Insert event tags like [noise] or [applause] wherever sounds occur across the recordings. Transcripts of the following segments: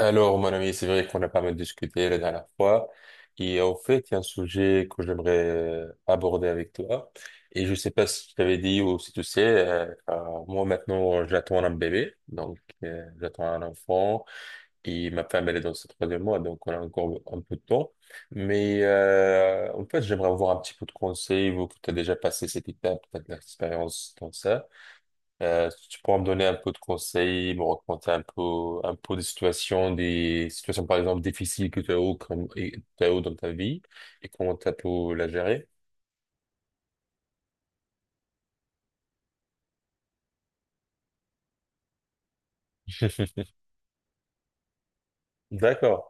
Alors, mon ami, c'est vrai qu'on a pas mal discuté la dernière fois. Et en fait, il y a un sujet que j'aimerais aborder avec toi. Et je sais pas si je t'avais dit ou si tu sais, moi maintenant, j'attends un bébé. Donc, j'attends un enfant. Et ma femme, elle est dans ses troisième mois. Donc, on a encore un peu de temps. Mais en fait, j'aimerais avoir un petit peu de conseils, vous que tu as déjà passé cette étape, tu as de l'expérience dans ça. Est-ce que tu pourras me donner un peu de conseils, me raconter un peu des situations par exemple difficiles que tu as eu, comme, et, tu as eu dans ta vie et comment tu as pu la gérer? [laughs] D'accord.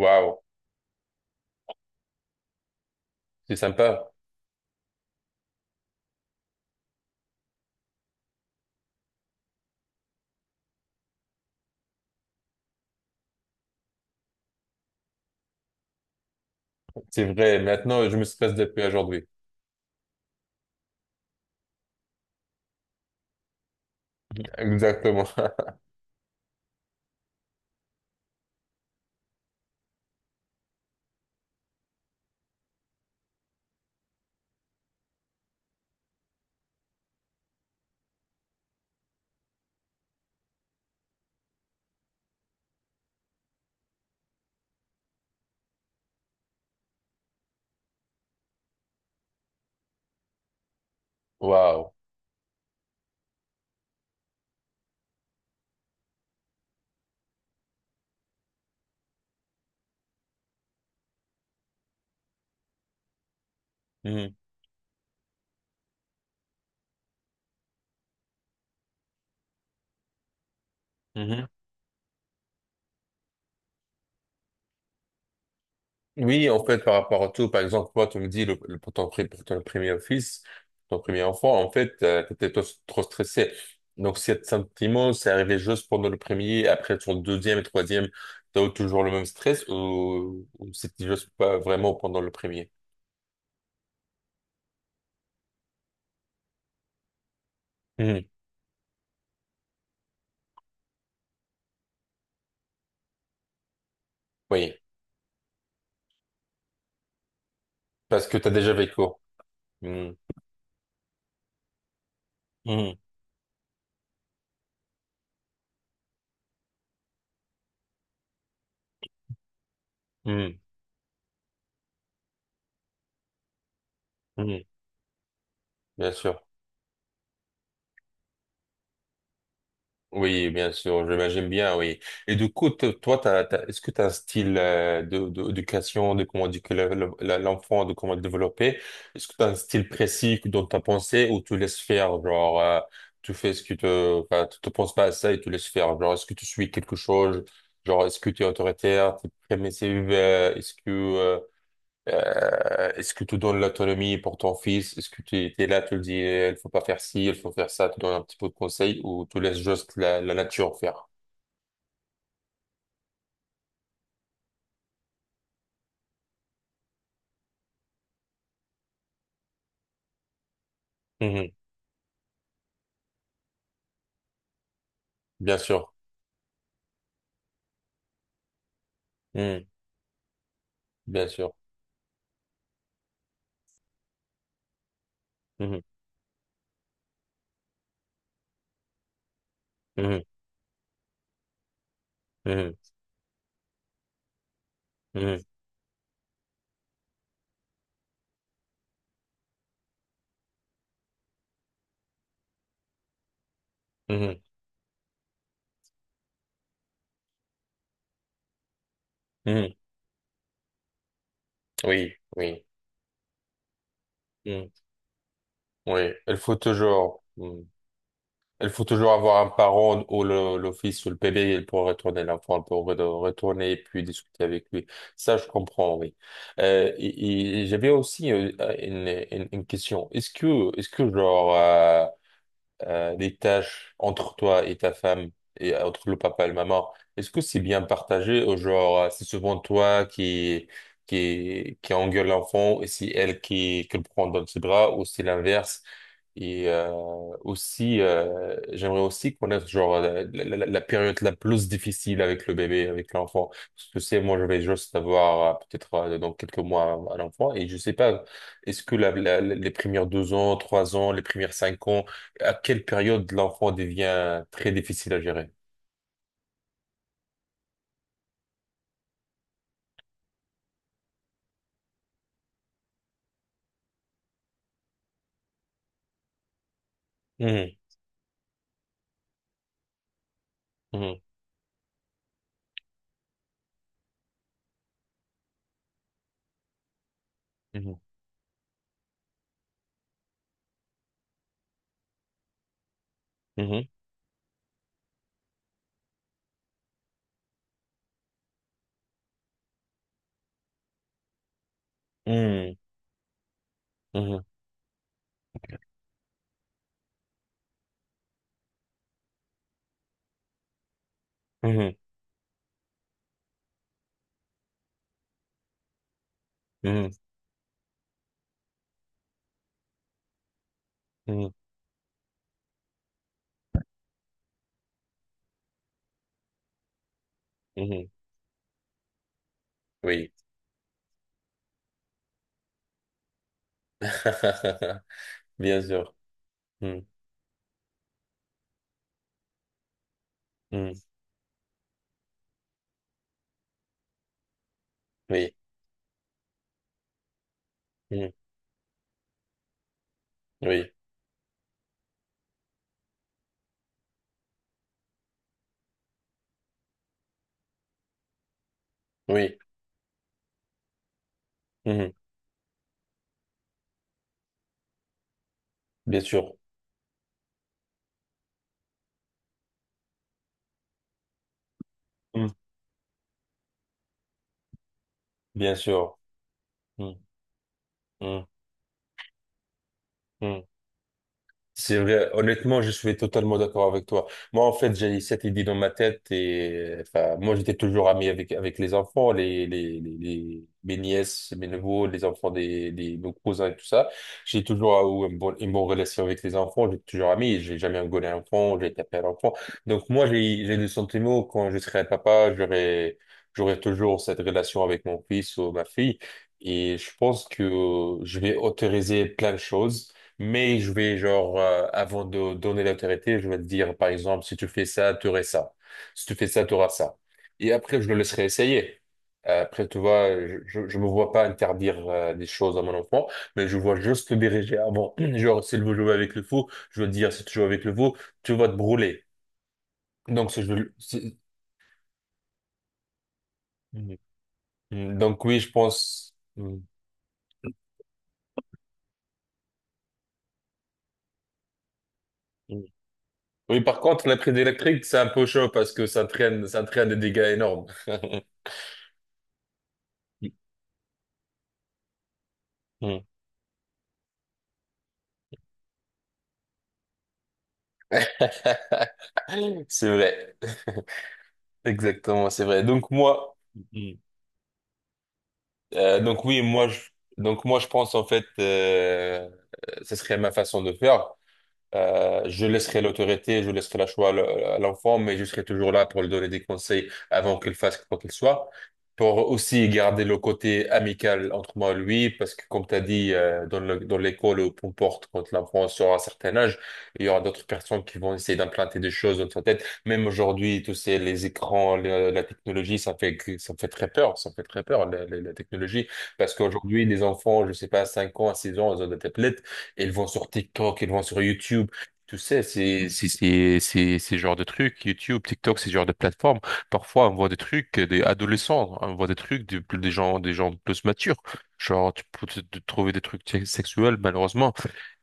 Waouh, c'est sympa. C'est vrai. Maintenant, je me stresse depuis aujourd'hui. Exactement. [laughs] Waouh. Mhm. Mhm. Oui, en fait, par rapport à tout, par exemple, toi, tu me dis, pour ton premier fils, ton premier enfant, en fait, t'étais trop stressé. Donc, cet sentiment, c'est arrivé juste pendant le premier, après ton deuxième et troisième, t'as eu toujours le même stress ou c'était juste pas vraiment pendant le premier? Mhm. Oui, parce que t'as déjà vécu. Mhm. Mhm. Mhm. Mhm. Bien sûr. Oui, bien sûr, j'imagine bien, oui. Et du coup, toi, est-ce que tu as un style d'éducation, de comment éduquer l'enfant, de comment le développer? Est-ce que tu as un style précis dont tu as pensé ou tu laisses faire, genre, tu fais enfin, tu te penses pas à ça et tu laisses faire, genre, est-ce que tu suis quelque chose, genre, est-ce que tu es autoritaire, tu es permissive, est-ce que tu donnes l'autonomie pour ton fils? Est-ce que tu es là, tu le dis, eh, il faut pas faire ci, il faut faire ça, tu donnes un petit peu de conseils ou tu laisses juste la nature faire? Mhm. Bien sûr. Mhm. Bien sûr. Mhm. Mhm. Mhm. Mhm. Mhm. Mhm. Oui, oui. Mhm. Oui, il faut toujours. Il faut toujours avoir un parent ou l'office ou le PB il pourra retourner l'enfant pour retourner et puis discuter avec lui. Ça, je comprends, oui. Et j'avais aussi une question. Est-ce que genre les tâches entre toi et ta femme et entre le papa et le maman, est-ce que c'est bien partagé ou genre c'est souvent toi qui engueule l'enfant et c'est elle qui le prend dans ses bras ou c'est l'inverse? Et aussi, j'aimerais aussi connaître genre la période la plus difficile avec le bébé, avec l'enfant. Parce que c'est moi, je vais juste avoir peut-être dans quelques mois un enfant et je sais pas. Est-ce que les premières 2 ans, 3 ans, les premières 5 ans à quelle période l'enfant devient très difficile à gérer? Mhm, mhm, mhm, mhm, mhm, mhm, mhm, mhm, mhm, mhm. Oui, [laughs] bien sûr. Mhm, mhm, oui, mhm, oui, oui, mhm, bien sûr. Mhm, bien sûr. Mhm, mhm, mhm. C'est vrai, honnêtement, je suis totalement d'accord avec toi. Moi, en fait, j'ai cette idée dans ma tête et, enfin, moi, j'étais toujours ami avec les enfants, mes nièces, mes neveux, les enfants nos cousins et tout ça. J'ai toujours eu une bonne relation avec les enfants, j'ai toujours ami, j'ai jamais engueulé un enfant, j'ai tapé un enfant. Donc, moi, j'ai le sentiment quand je serai un papa, j'aurai toujours cette relation avec mon fils ou ma fille. Et je pense que je vais autoriser plein de choses mais je vais, genre, avant de donner l'autorité, je vais te dire, par exemple, si tu fais ça, tu aurais ça. Si tu fais ça, tu auras ça. Et après, je le laisserai essayer. Après, tu vois, je me vois pas interdire des choses à mon enfant, mais je vois juste le diriger avant. [clears throat] Genre, s'il veut jouer avec le fou, je veux dire, si tu joues avec le fou, tu vas te brûler. Donc, ce jeu- c'est- Mm. Mm. Donc oui, je pense. Mm. Mm. Oui, par contre, la prise électrique, c'est un peu chaud parce que ça traîne des dégâts énormes. [laughs] Mm. [laughs] C'est vrai. [laughs] Exactement, c'est vrai. Donc moi, Mhm. Donc oui, moi, je, donc moi, je pense en fait, ce serait ma façon de faire. Je laisserai l'autorité, je laisserai la choix à l'enfant, mais je serai toujours là pour lui donner des conseils avant qu'il fasse quoi qu'il soit. Pour aussi garder le côté amical entre moi et lui, parce que comme tu as dit, dans l'école ou peu importe, quand l'enfant sera à un certain âge, il y aura d'autres personnes qui vont essayer d'implanter des choses dans sa tête. Même aujourd'hui, les écrans, la technologie, ça fait, ça fait très peur, ça fait très peur, la technologie. Parce qu'aujourd'hui, les enfants, je sais pas, 5 ans, 6 ans, ils ont des tablettes. Ils vont sur TikTok, ils vont sur YouTube. Tu sais, c'est ces genres de trucs YouTube, TikTok, ces genres de plateformes. Parfois, on voit des trucs des adolescents, hein, on voit des trucs des gens plus matures. Genre, tu peux te trouver des trucs sexuels malheureusement.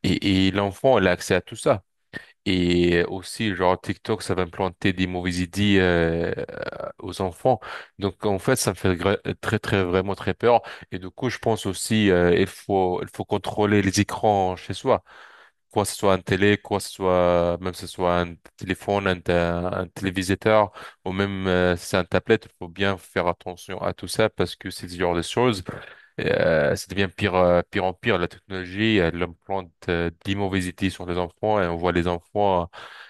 Et l'enfant, il a accès à tout ça. Et aussi, genre TikTok, ça va implanter des mauvaises idées aux enfants. Donc, en fait, ça me fait très très vraiment très peur. Et du coup, je pense aussi, il faut contrôler les écrans chez soi quoi ce soit un télé, quoi ce soit même si ce soit un téléphone, un téléviseur ou même si c'est un tablette, il faut bien faire attention à tout ça parce que c'est ce genre de choses et, ça devient pire, pire en pire. La technologie, elle implante des mauvaises idées sur les enfants et on voit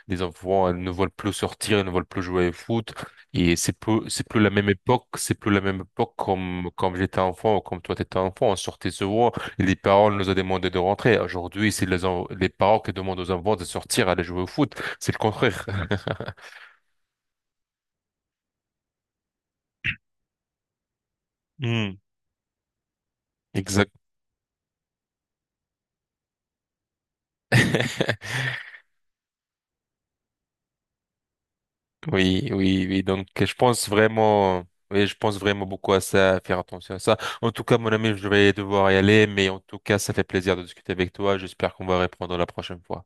les enfants ne veulent plus sortir, ils ne veulent plus jouer au foot. Et c'est plus la même époque, c'est plus la même époque comme j'étais enfant ou comme toi t'étais enfant. On sortait souvent et les parents nous ont demandé de rentrer. Aujourd'hui, c'est les parents qui demandent aux enfants de sortir, aller jouer au foot. C'est le contraire. [laughs] Hmm, exact. [laughs] Oui, oui, oui. Donc, je pense vraiment, oui, je pense vraiment beaucoup à ça, à faire attention à ça. En tout cas, mon ami, je vais devoir y aller, mais en tout cas, ça fait plaisir de discuter avec toi. J'espère qu'on va reprendre la prochaine fois.